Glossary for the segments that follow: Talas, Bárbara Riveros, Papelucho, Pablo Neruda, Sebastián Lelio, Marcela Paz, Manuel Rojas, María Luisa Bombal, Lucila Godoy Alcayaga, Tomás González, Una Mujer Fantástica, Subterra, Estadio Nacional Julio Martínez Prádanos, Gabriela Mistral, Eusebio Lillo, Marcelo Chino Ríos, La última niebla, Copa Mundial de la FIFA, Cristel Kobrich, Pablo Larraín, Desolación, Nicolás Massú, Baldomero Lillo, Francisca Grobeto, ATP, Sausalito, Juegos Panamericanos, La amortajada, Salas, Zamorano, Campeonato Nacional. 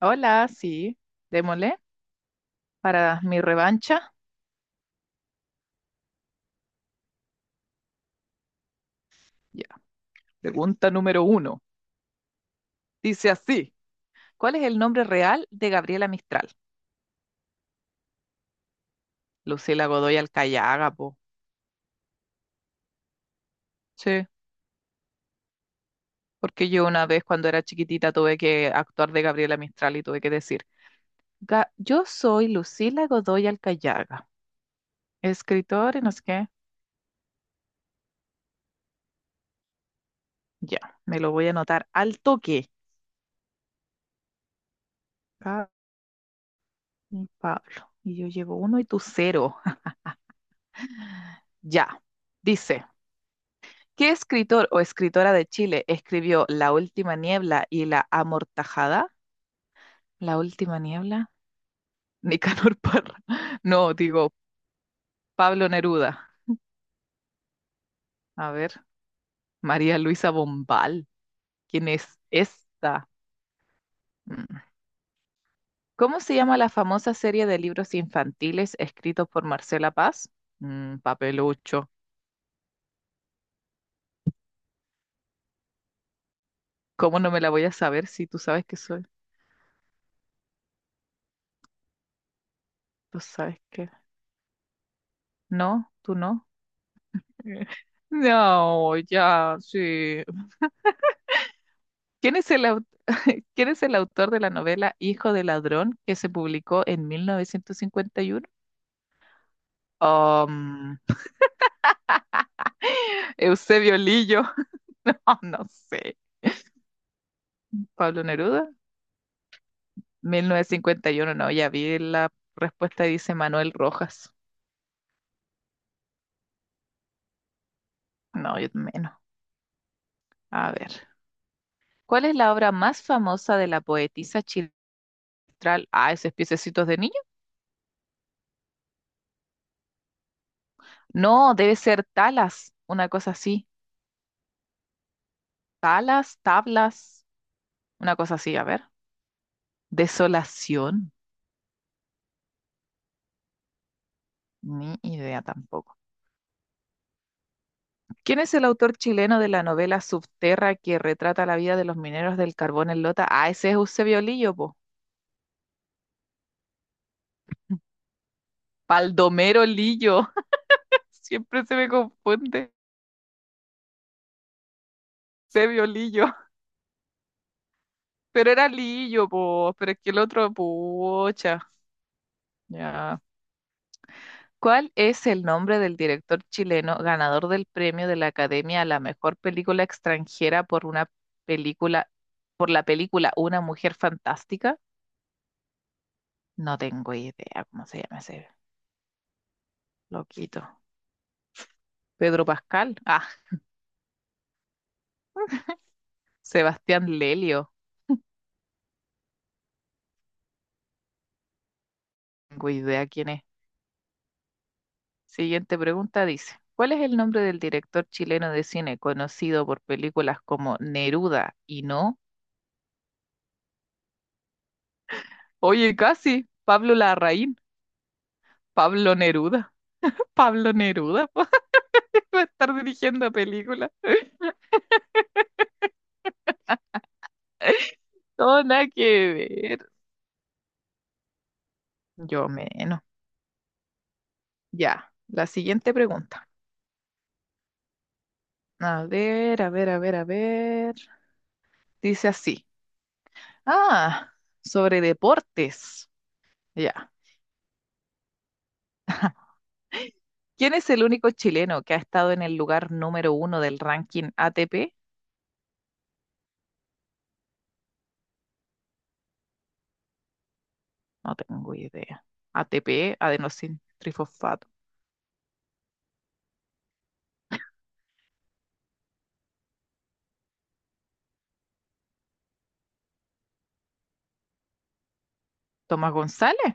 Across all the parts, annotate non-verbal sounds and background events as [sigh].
Hola, sí, démosle para mi revancha. Ya, pregunta número uno. Dice así: ¿Cuál es el nombre real de Gabriela Mistral? Lucila Godoy Alcayaga, po. Sí, porque yo una vez cuando era chiquitita tuve que actuar de Gabriela Mistral y tuve que decir: "Yo soy Lucila Godoy Alcayaga, escritora y no sé qué". Ya, me lo voy a anotar al toque. Gaby Pablo. Y yo llevo uno y tú cero. [laughs] Ya, dice. ¿Qué escritor o escritora de Chile escribió La última niebla y La amortajada? ¿La última niebla? Nicanor Parra. [laughs] No, digo, Pablo Neruda. A ver, María Luisa Bombal. ¿Quién es esta? Mm. ¿Cómo se llama la famosa serie de libros infantiles escritos por Marcela Paz? Mm, papelucho. ¿Cómo no me la voy a saber si tú sabes que soy? ¿Tú sabes que? No, tú no. [laughs] No, ya, sí. ¿Quién es [laughs] ¿Quién es el autor de la novela Hijo de Ladrón que se publicó en 1951? Um, Eusebio Lillo, [laughs] oh, no sé. Pablo Neruda, 1951, no, ya vi la respuesta, dice Manuel Rojas. No, yo menos. A ver. ¿Cuál es la obra más famosa de la poetisa Chiltral? Ah, esos piececitos de niño. No, debe ser Talas, una cosa así. Talas, tablas, una cosa así, a ver. Desolación. Ni idea tampoco. ¿Quién es el autor chileno de la novela Subterra que retrata la vida de los mineros del carbón en Lota? Ah, ese es Eusebio Lillo, po. Baldomero Lillo. [laughs] Siempre se me confunde. Eusebio Lillo. Pero era Lillo, po. Pero es que el otro, pucha. Ya. ¿Cuál es el nombre del director chileno ganador del premio de la Academia a la mejor película extranjera por una película, por la película Una Mujer Fantástica? No tengo idea cómo se llama ese loquito. Pedro Pascal. Ah, Sebastián Lelio. Tengo idea quién es. Siguiente pregunta dice, ¿cuál es el nombre del director chileno de cine conocido por películas como Neruda y No? Oye, casi. Pablo Larraín. Pablo Neruda. [laughs] Pablo Neruda. [laughs] Va a estar dirigiendo películas. [laughs] No, nada que ver. Yo menos. Ya, la siguiente pregunta. A ver, a ver, a ver, a ver. Dice así. Ah, sobre deportes. Ya. ¿Quién es el único chileno que ha estado en el lugar número uno del ranking ATP? No tengo idea. ATP, adenosín trifosfato. ¿Tomás González?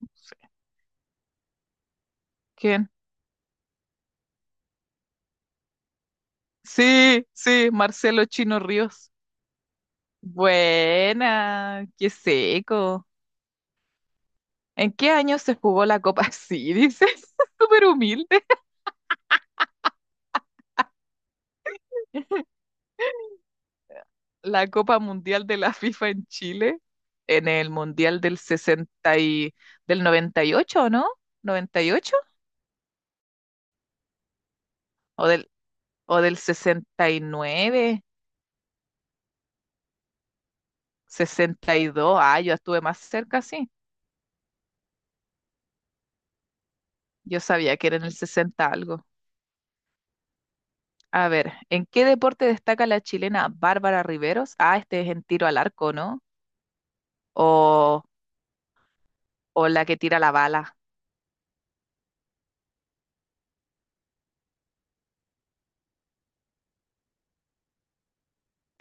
No sé. ¿Quién? Sí, sí, Marcelo Chino Ríos. Buena, qué seco. ¿En qué año se jugó la Copa? [laughs] Sí, dices, [laughs] súper humilde. [laughs] La Copa Mundial de la FIFA en Chile, en el Mundial del 60 y del 98, ¿o no? ¿98? ¿O del, o del sesenta, sesenta y nueve, sesenta y dos? Ah, yo estuve más cerca, sí. Yo sabía que era en el 60 algo. A ver, ¿en qué deporte destaca la chilena Bárbara Riveros? Ah, este es en tiro al arco, ¿no? O, o la que tira la bala.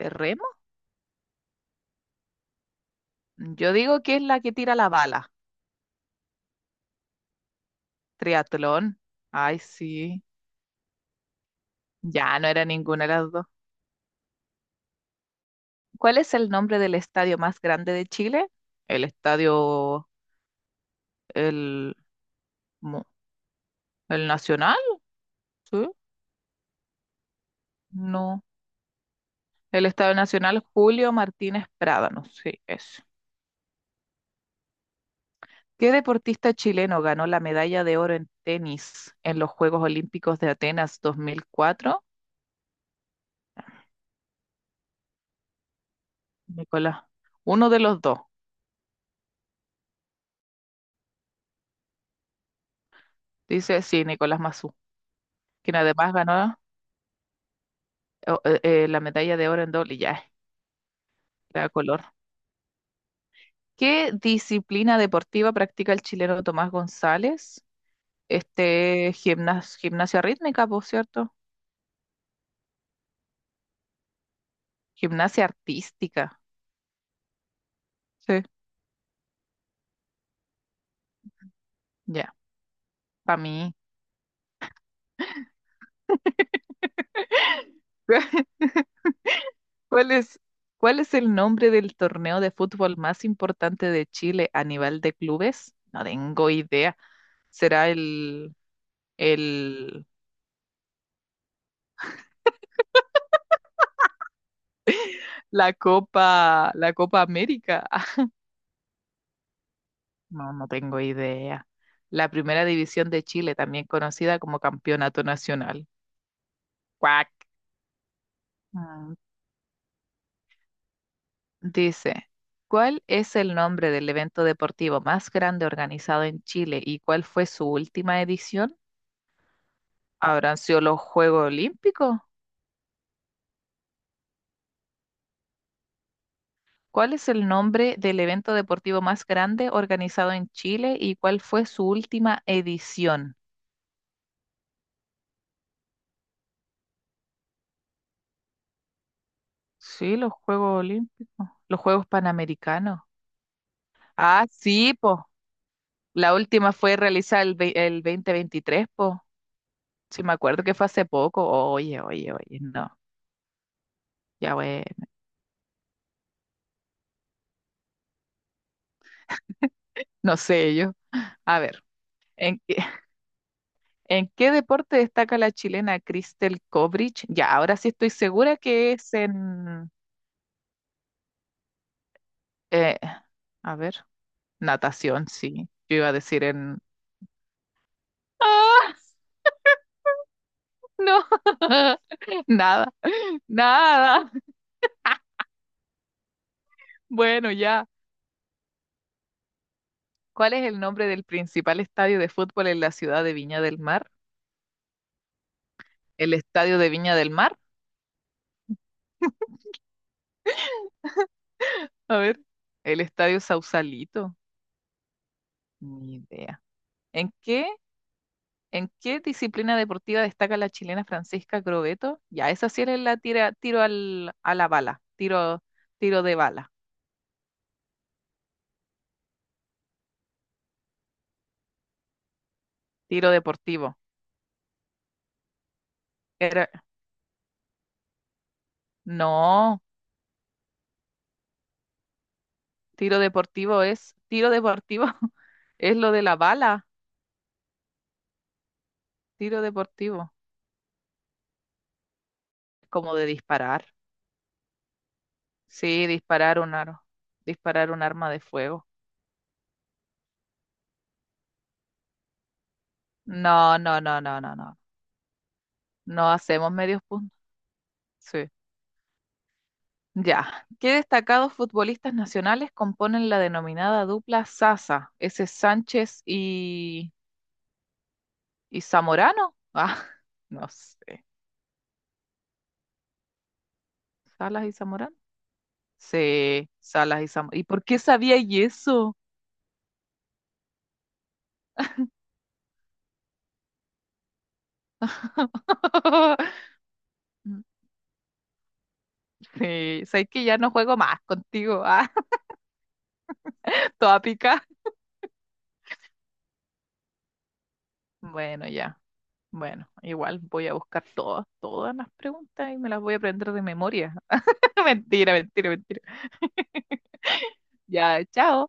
¿Terremo? Yo digo que es la que tira la bala. Triatlón. Ay, sí. Ya no era ninguna de las dos. ¿Cuál es el nombre del estadio más grande de Chile? El estadio, el, mo- el Nacional, ¿sí? No. El Estado Nacional Julio Martínez Prádanos, sí, es. ¿Qué deportista chileno ganó la medalla de oro en tenis en los Juegos Olímpicos de Atenas 2004? Nicolás, uno de los dos, dice, sí, Nicolás Massú, quien además ganó eh, eh, la medalla de oro en doble, ya, da color. ¿Qué disciplina deportiva practica el chileno Tomás González? Este, gimnasia rítmica, por cierto. Gimnasia artística, sí, ya, para mí. [laughs] ¿Cuál es, cuál es el nombre del torneo de fútbol más importante de Chile a nivel de clubes? No tengo idea. ¿Será el, la Copa América? [laughs] No, no tengo idea. La Primera División de Chile, también conocida como Campeonato Nacional. Cuac. Mm, dice, ¿cuál es el nombre del evento deportivo más grande organizado en Chile y cuál fue su última edición? ¿Habrán sido los Juegos Olímpicos? ¿Cuál es el nombre del evento deportivo más grande organizado en Chile y cuál fue su última edición? Sí, los Juegos Olímpicos, los Juegos Panamericanos. Ah, sí, po. La última fue realizada el, ve, el 2023, po. Sí, me acuerdo que fue hace poco. Oye, oye, oye, no. Ya bueno, no sé yo. A ver, ¿en qué, [laughs] en qué deporte destaca la chilena Cristel Kobrich? Ya, ahora sí estoy segura que es en, eh, a ver. Natación, sí. Yo iba a decir en. No, [laughs] nada, nada. Bueno, ya. ¿Cuál es el nombre del principal estadio de fútbol en la ciudad de Viña del Mar? ¿El estadio de Viña del Mar? A ver, el estadio Sausalito. Ni idea. ¿En qué, en qué disciplina deportiva destaca la chilena Francisca Grobeto? Ya, esa sí es la tira, tiro al, a la bala, tiro, tiro de bala, tiro deportivo. Era, no, tiro deportivo es, tiro deportivo [laughs] es lo de la bala, tiro deportivo, como de disparar. Sí, disparar un aro, disparar un arma de fuego. No, no, no, no, no, no. No hacemos medios puntos. Sí. Ya. ¿Qué destacados futbolistas nacionales componen la denominada dupla Sasa? ¿Ese es Sánchez y Zamorano? Ah, [laughs] no sé. ¿Salas y Zamorano? Sí, Salas y Zamorano. ¿Y por qué sabía y eso? [laughs] Sí, sabes que ya no juego más contigo, ah, [laughs] toda pica. Bueno, ya. Bueno, igual voy a buscar todas, las preguntas y me las voy a aprender de memoria. [laughs] Mentira, mentira, mentira. Ya, chao.